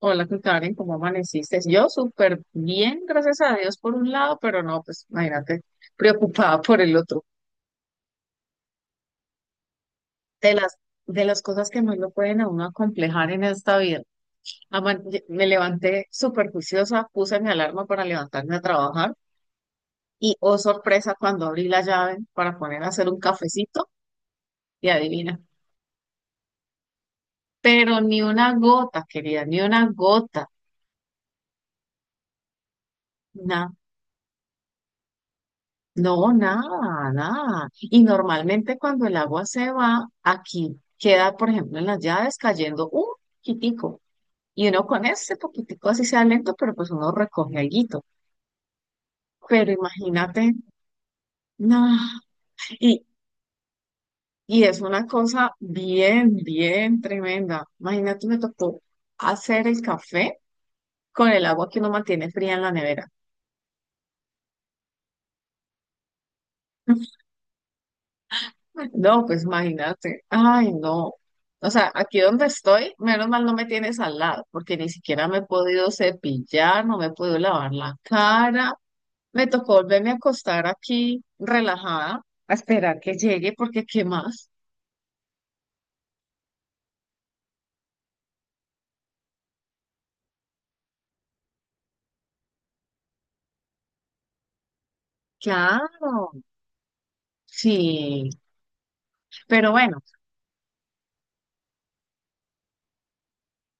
Hola, ¿qué Karen, ¿cómo amaneciste? Yo súper bien, gracias a Dios por un lado, pero no, pues imagínate, preocupada por el otro. De las, de las cosas que más lo pueden a uno acomplejar en esta vida. Aman- Me levanté súper juiciosa, puse mi alarma para levantarme a trabajar y, oh sorpresa, cuando abrí la llave para poner a hacer un cafecito, y adivina, pero ni una gota, querida, ni una gota. No, nada, nada. Y normalmente cuando el agua se va, aquí queda, por ejemplo, en las llaves cayendo un poquitico. Y uno con ese poquitico, así sea lento, pero pues uno recoge alguito. Pero imagínate, no. Y, y es una cosa bien, bien tremenda. Imagínate, me tocó hacer el café con el agua que uno mantiene fría en la nevera. No, pues imagínate. Ay, no. O sea, aquí donde estoy, menos mal no me tienes al lado, porque ni siquiera me he podido cepillar, no me he podido lavar la cara. Me tocó volverme a acostar aquí relajada, a esperar que llegue, porque ¿qué más? Claro, sí. Pero bueno,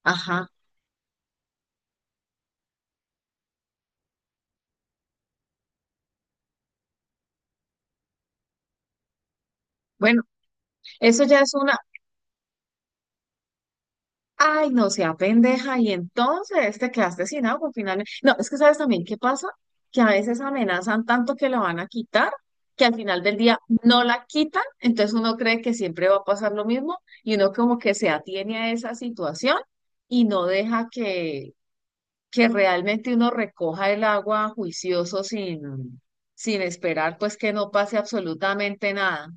ajá. Bueno, eso ya es una. Ay, no sea pendeja, y entonces te quedaste sin agua finalmente. No, es que sabes también qué pasa, que a veces amenazan tanto que la van a quitar, que al final del día no la quitan, entonces uno cree que siempre va a pasar lo mismo y uno como que se atiene a esa situación y no deja que realmente uno recoja el agua juicioso sin esperar pues que no pase absolutamente nada.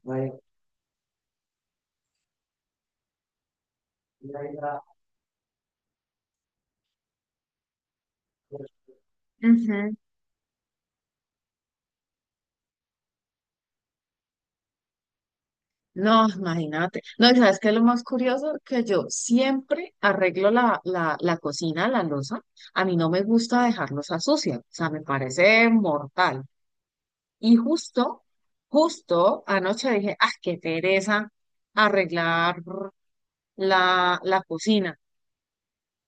Ujú. No, imagínate. No, y sabes qué es lo más curioso, que yo siempre arreglo la cocina, la loza. A mí no me gusta dejarlos a sucia, o sea, me parece mortal. Y justo, justo anoche dije, ah, qué pereza arreglar la cocina.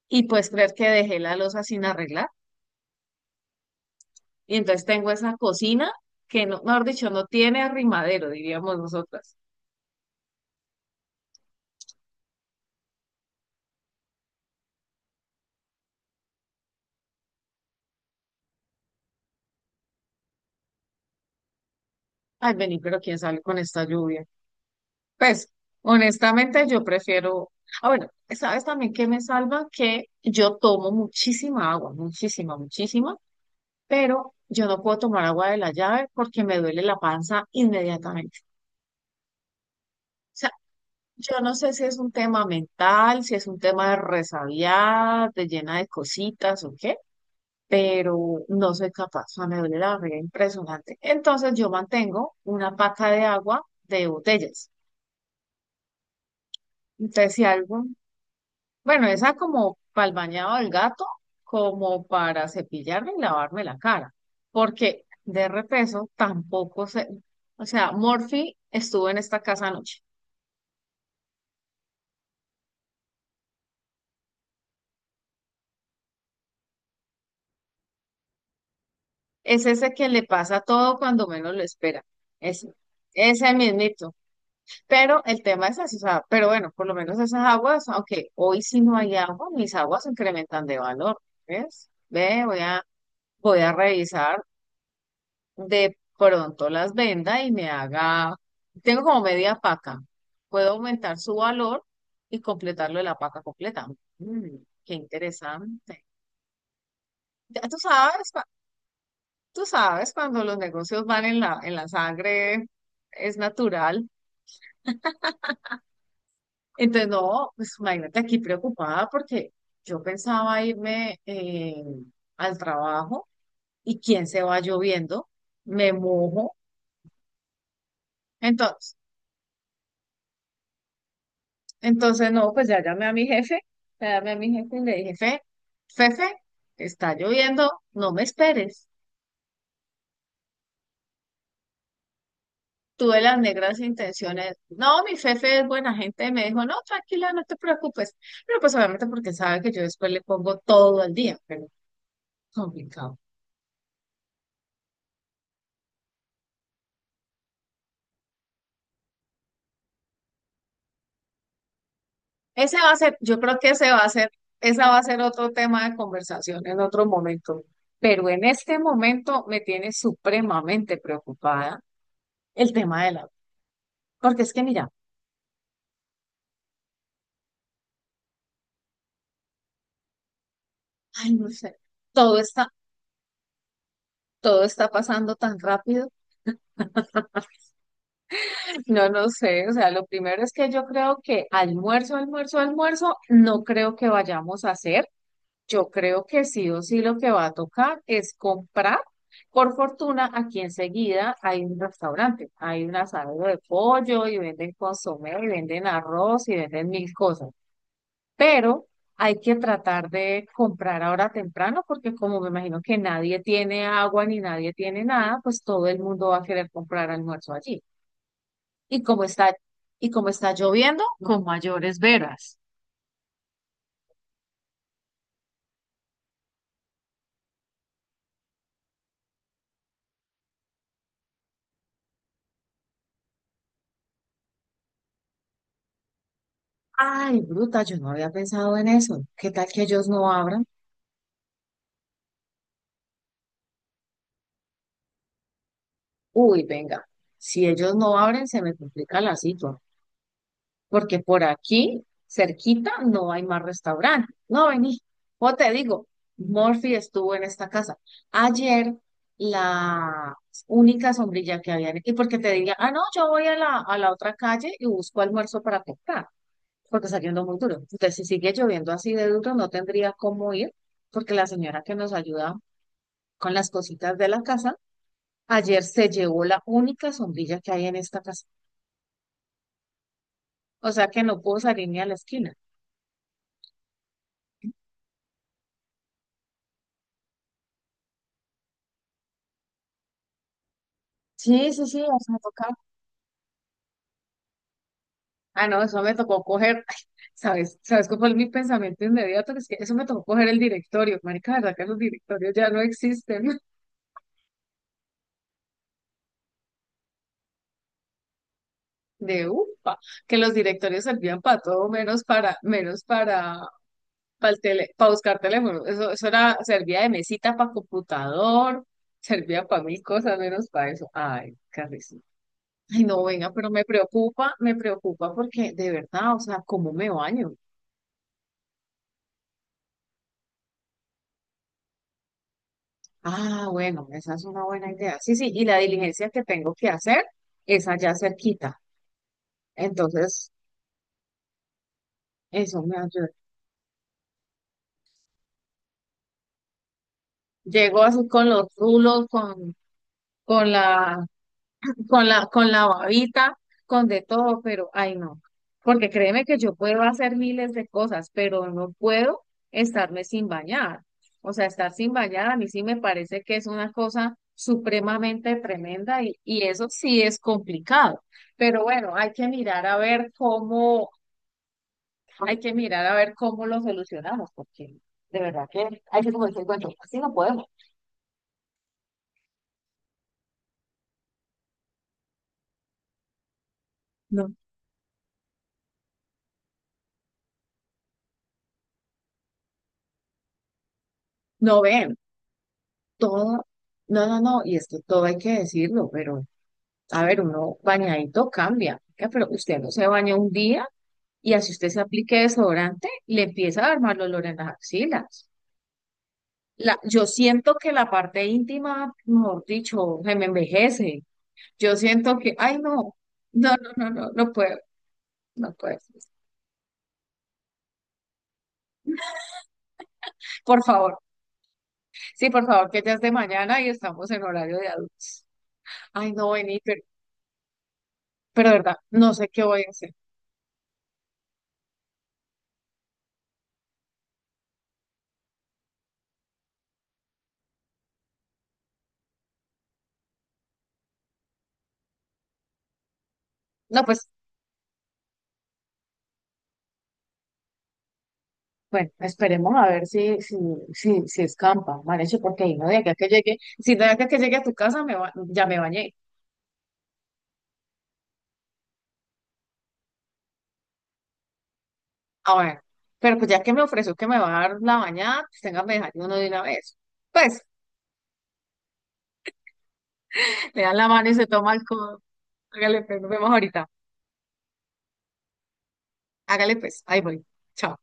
Y pues creer que dejé la loza sin arreglar. Y entonces tengo esa cocina que, no, mejor dicho, no tiene arrimadero, diríamos nosotras. Ay, vení, pero ¿quién sale con esta lluvia? Pues, honestamente, yo prefiero. Ah, bueno, ¿sabes también que me salva? Que yo tomo muchísima agua, muchísima, muchísima, pero yo no puedo tomar agua de la llave porque me duele la panza inmediatamente. O sea, yo no sé si es un tema mental, si es un tema de resabiada, de llena de cositas o qué, pero no soy capaz. O sea, me duele la barriga impresionante. Entonces, yo mantengo una paca de agua de botellas. Entonces, si algo. Bueno, esa como para el bañado del gato, como para cepillarme y lavarme la cara, porque de repeso tampoco se, o sea, Morphy estuvo en esta casa anoche. Es ese que le pasa todo cuando menos lo espera. Ese, ese mismito. Pero el tema es así, o sea, pero bueno, por lo menos esas aguas, aunque hoy sí no hay agua, mis aguas incrementan de valor, ¿ves? Ve, voy a revisar. De pronto las venda y me haga, tengo como media paca, puedo aumentar su valor y completarlo de la paca completa. Mm, qué interesante. Ya tú sabes, tú sabes cuando los negocios van en la sangre, es natural. Entonces, no, pues imagínate aquí preocupada porque yo pensaba irme al trabajo y quién se va lloviendo, me mojo. Entonces, Entonces, no, pues ya llamé a mi jefe, ya llamé a mi jefe y le dije, jefe, jefe, está lloviendo, no me esperes. Tuve las negras intenciones. No, mi jefe es buena gente, me dijo, no, tranquila, no te preocupes. Pero pues obviamente porque sabe que yo después le pongo todo el día, pero complicado. Ese va a ser, yo creo que ese va a ser, esa va a ser otro tema de conversación en otro momento. Pero en este momento me tiene supremamente preocupada el tema de la, porque es que mira, ay, no sé. Todo está, todo está pasando tan rápido. No, no sé. O sea, lo primero es que yo creo que almuerzo, almuerzo, almuerzo, no creo que vayamos a hacer. Yo creo que sí o sí lo que va a tocar es comprar. Por fortuna, aquí enseguida hay un restaurante. Hay un asado de pollo y venden consomé y venden arroz y venden mil cosas. Pero hay que tratar de comprar ahora temprano porque como me imagino que nadie tiene agua ni nadie tiene nada, pues todo el mundo va a querer comprar almuerzo allí. Y como está, y como está lloviendo, con mayores veras. Ay, bruta, yo no había pensado en eso. ¿Qué tal que ellos no abran? Uy, venga, si ellos no abren, se me complica la situación, porque por aquí, cerquita, no hay más restaurante. No, vení. O te digo, Murphy estuvo en esta casa. Ayer, la única sombrilla que había, y porque te diría, ah, no, yo voy a la otra calle y busco almuerzo para comprar, porque está lloviendo muy duro. Entonces, si sigue lloviendo así de duro, no tendría cómo ir, porque la señora que nos ayuda con las cositas de la casa, ayer se llevó la única sombrilla que hay en esta casa. O sea que no puedo salir ni a la esquina. Sí, sí, sí, o sea, toca. Ah, no, eso me tocó coger, ay, ¿sabes? ¿Sabes cuál fue mi pensamiento inmediato? Es que eso me tocó coger el directorio, marica, ¿verdad que los directorios ya no existen? De upa, que los directorios servían para todo menos para, menos para el tele, para buscar teléfono. Eso era, servía de mesita para computador, servía para mil cosas menos para eso. Ay, carrísimo. Ay, no, venga, pero me preocupa porque de verdad, o sea, ¿cómo me baño? Ah, bueno, esa es una buena idea. Sí, sí, y la diligencia que tengo que hacer es allá cerquita. Entonces, eso me ayuda. Llego así con los rulos, con la, con la babita, con de todo, pero ay no. Porque créeme que yo puedo hacer miles de cosas, pero no puedo estarme sin bañar. O sea, estar sin bañar a mí sí me parece que es una cosa supremamente tremenda y eso sí es complicado. Pero bueno, hay que mirar a ver cómo lo solucionamos, porque de verdad que hay que como decir, bueno, así no podemos. No, no ven, todo, no, no, no, y es que todo hay que decirlo, pero a ver, uno bañadito cambia, ¿qué? Pero usted no se baña un día y así usted se aplique desodorante, le empieza a armar el olor en las axilas. La, yo siento que la parte íntima, mejor dicho, se me envejece. Yo siento que, ay, no, no, no, no, no, no puedo, no puedo. Por favor, sí, por favor, que ya es de mañana y estamos en horario de adultos. Ay, no, vení, pero de verdad, no sé qué voy a hacer. No, pues bueno, esperemos a ver si escampa, Manecho, porque ahí no de acá que llegue, si no de acá que llegue a tu casa, me ba- ya me bañé. A ver, pero pues ya que me ofreció que me va a dar la bañada, pues tenga que dejar uno de una vez. Pues, le dan la mano y se toma el codo. Hágale pues, nos vemos ahorita. Hágale pues, ahí voy. Chao.